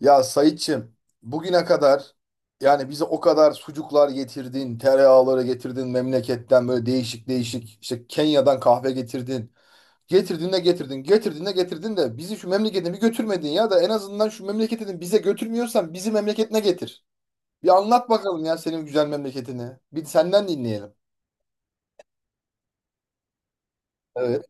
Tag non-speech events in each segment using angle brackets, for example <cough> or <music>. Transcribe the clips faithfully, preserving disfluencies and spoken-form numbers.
Ya Saitçim, bugüne kadar yani bize o kadar sucuklar getirdin, tereyağları getirdin memleketten böyle değişik değişik işte Kenya'dan kahve getirdin. Getirdin de getirdin, getirdin de getirdin de bizi şu memleketine bir götürmedin ya da en azından şu memleketini bize götürmüyorsan bizi memleketine getir. Bir anlat bakalım ya senin güzel memleketini. Bir senden dinleyelim. Evet.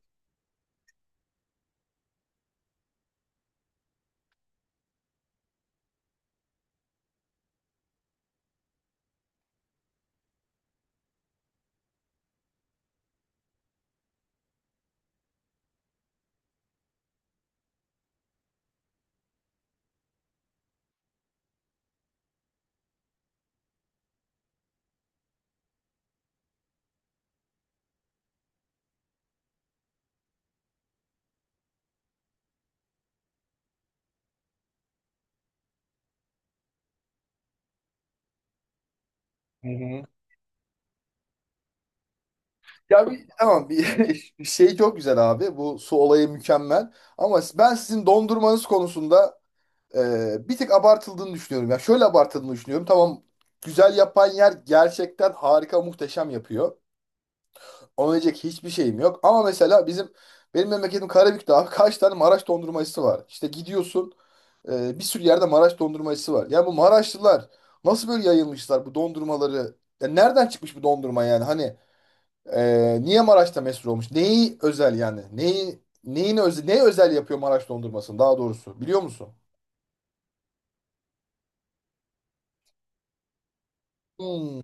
Hı hı. Ya bir, tamam bir <laughs> şey çok güzel abi. Bu su olayı mükemmel. Ama ben sizin dondurmanız konusunda Ee, bir tık abartıldığını düşünüyorum. Ya şöyle abartıldığını düşünüyorum. Tamam güzel yapan yer gerçekten harika muhteşem yapıyor. Ona diyecek hiçbir şeyim yok. Ama mesela bizim benim memleketim Karabük'te abi kaç tane Maraş dondurmacısı var. İşte gidiyorsun e, bir sürü yerde Maraş dondurmacısı var. Yani bu Maraşlılar nasıl böyle yayılmışlar bu dondurmaları? Ya nereden çıkmış bu dondurma yani? Hani e, niye Maraş'ta meşhur olmuş? Neyi özel yani? Neyi neyin özel, ne özel yapıyor Maraş dondurmasını daha doğrusu biliyor musun? Hmm.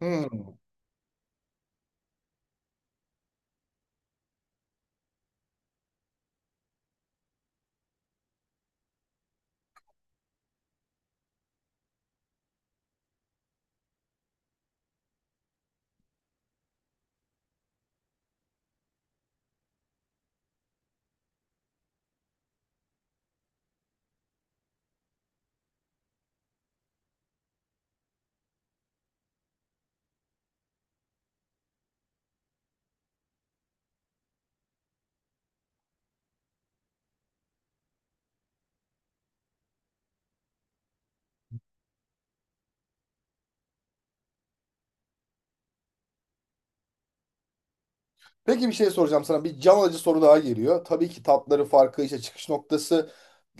Hmm. Peki bir şey soracağım sana. Bir can alıcı soru daha geliyor. Tabii ki tatları farkı işte çıkış noktası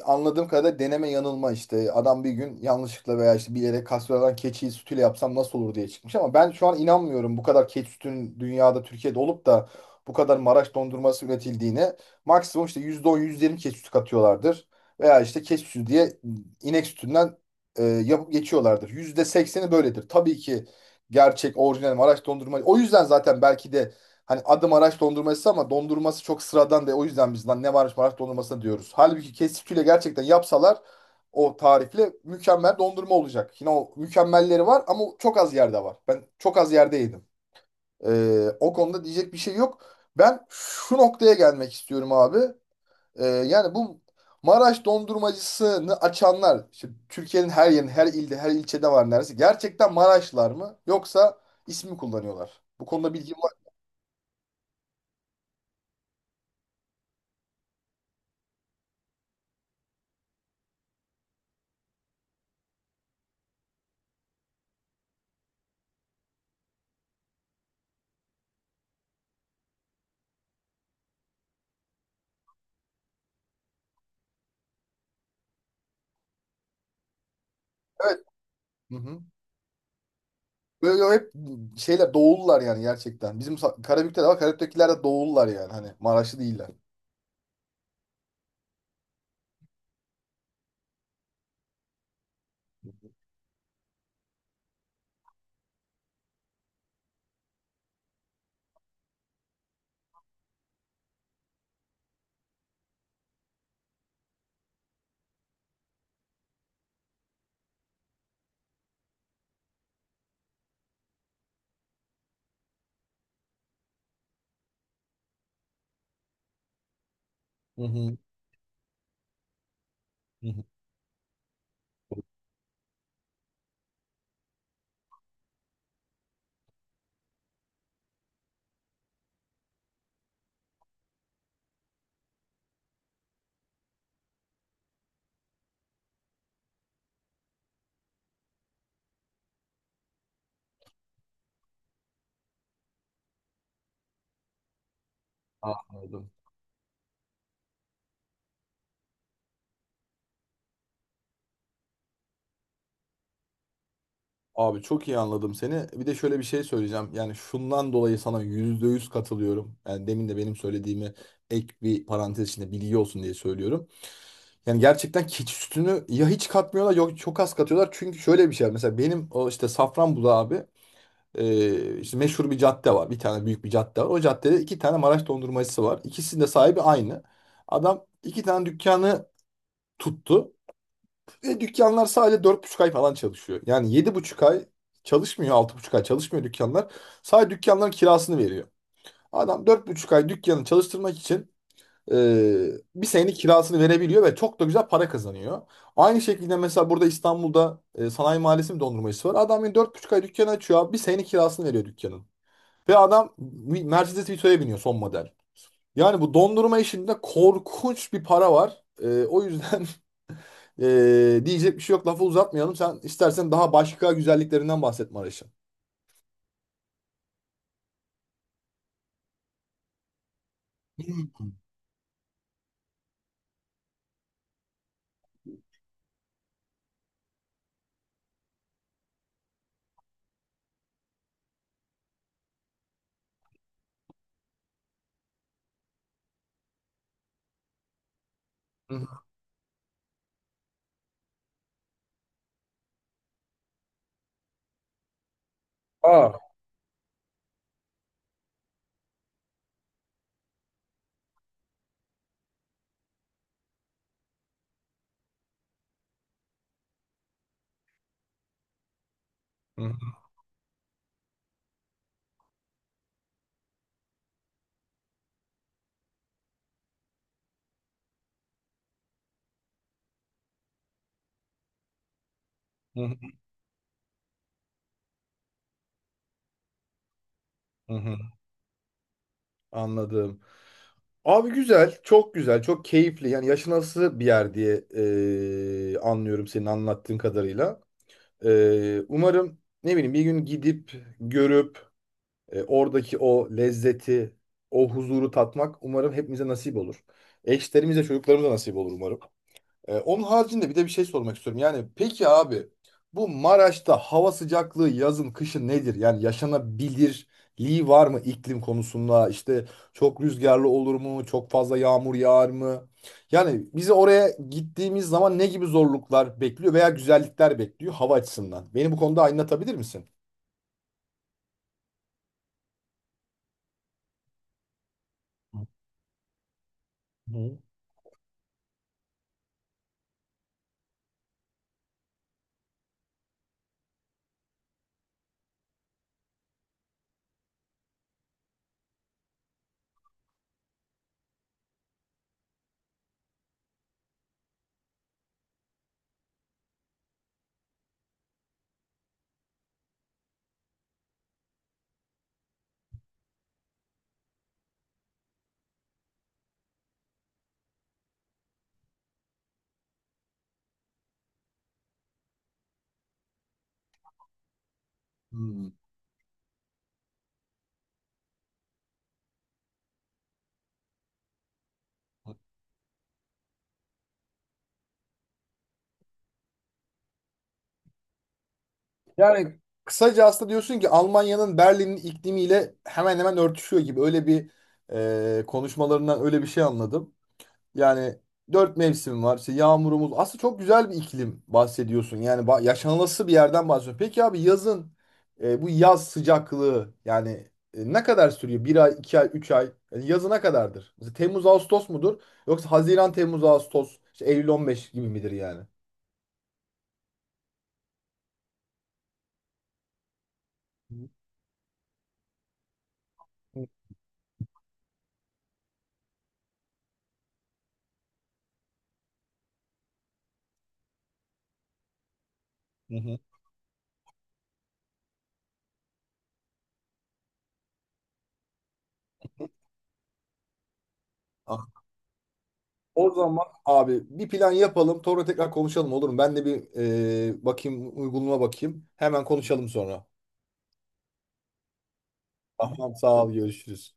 anladığım kadarıyla deneme yanılma işte. Adam bir gün yanlışlıkla veya işte bilerek kastroladan keçi sütüyle yapsam nasıl olur diye çıkmış ama ben şu an inanmıyorum bu kadar keçi sütünün dünyada Türkiye'de olup da bu kadar Maraş dondurması üretildiğine. Maksimum işte yüzde on yüzde yirmi keçi sütü katıyorlardır. Veya işte keçi sütü diye inek sütünden e, yapıp geçiyorlardır. Yüzde sekseni böyledir. Tabii ki gerçek orijinal Maraş dondurma. O yüzden zaten belki de hani adım Maraş dondurması ama dondurması çok sıradan de o yüzden biz lan ne varmış Maraş dondurması diyoruz. Halbuki kesitüyle gerçekten yapsalar o tarifle mükemmel dondurma olacak. Yine o mükemmelleri var ama çok az yerde var. Ben çok az yerde yedim. Ee, o konuda diyecek bir şey yok. Ben şu noktaya gelmek istiyorum abi. Ee, yani bu Maraş dondurmacısını açanlar, işte Türkiye'nin her yerinde, her ilde, her ilçede var neredeyse. Gerçekten Maraşlar mı yoksa ismi kullanıyorlar? Bu konuda bilgim var. Evet. Hı hı. Böyle hep şeyler doğullar yani gerçekten. Bizim Sa- Karabük'te de var. Karabük'tekiler de doğullar yani. Hani Maraşlı değiller. Hı hı, hı hı. Anladım. Abi çok iyi anladım seni. Bir de şöyle bir şey söyleyeceğim. Yani şundan dolayı sana yüzde yüz katılıyorum. Yani demin de benim söylediğimi ek bir parantez içinde bilgi olsun diye söylüyorum. Yani gerçekten keçi sütünü ya hiç katmıyorlar yok çok az katıyorlar. Çünkü şöyle bir şey var. Mesela benim o işte Safranbolu abi. Ee, işte meşhur bir cadde var. Bir tane büyük bir cadde var. O caddede iki tane Maraş dondurmacısı var. İkisinin de sahibi aynı. Adam iki tane dükkanı tuttu. Ve dükkanlar sadece dört buçuk ay falan çalışıyor. Yani yedi buçuk ay çalışmıyor. Altı buçuk ay çalışmıyor dükkanlar. Sadece dükkanların kirasını veriyor. Adam dört buçuk ay dükkanı çalıştırmak için e, bir senenin kirasını verebiliyor ve çok da güzel para kazanıyor. Aynı şekilde mesela burada İstanbul'da e, Sanayi Mahallesi bir dondurmacısı var. Adam yani dört buçuk ay dükkanı açıyor abi. Bir senenin kirasını veriyor dükkanın. Ve adam Mercedes Vito'ya biniyor son model. Yani bu dondurma işinde korkunç bir para var. Ee, o yüzden <laughs> ee, diyecek bir şey yok. Lafı uzatmayalım. Sen istersen daha başka güzelliklerinden bahset Maraş'ın. <laughs> Aa. Hı hı hı hı hı. Anladım. Abi güzel, çok güzel, çok keyifli. Yani yaşanası bir yer diye e, anlıyorum senin anlattığın kadarıyla. E, umarım ne bileyim bir gün gidip görüp E, oradaki o lezzeti, o huzuru tatmak umarım hepimize nasip olur. Eşlerimize, çocuklarımıza nasip olur umarım. E, onun haricinde bir de bir şey sormak istiyorum. Yani peki abi bu Maraş'ta hava sıcaklığı yazın kışın nedir? Yani yaşanabilirliği var mı iklim konusunda? İşte çok rüzgarlı olur mu? Çok fazla yağmur yağar mı? Yani bizi oraya gittiğimiz zaman ne gibi zorluklar bekliyor veya güzellikler bekliyor hava açısından? Beni bu konuda aydınlatabilir misin? Hı. Hmm. Yani kısaca aslında diyorsun ki Almanya'nın Berlin'in iklimiyle hemen hemen örtüşüyor gibi. Öyle bir e, konuşmalarından öyle bir şey anladım. Yani dört mevsim var. İşte yağmurumuz. Aslında çok güzel bir iklim bahsediyorsun. Yani ba- yaşanılası bir yerden bahsediyorsun. Peki abi yazın e, bu yaz sıcaklığı yani e, ne kadar sürüyor? Bir ay, iki ay, üç ay. Yani yazı ne kadardır? Mesela Temmuz, Ağustos mudur? Yoksa Haziran, Temmuz, Ağustos, işte Eylül on beş gibi midir yani? Hı hı. O zaman abi bir plan yapalım. Sonra tekrar konuşalım olur mu? Ben de bir e, bakayım uygulama bakayım. Hemen konuşalım sonra. Tamam sağ ol görüşürüz.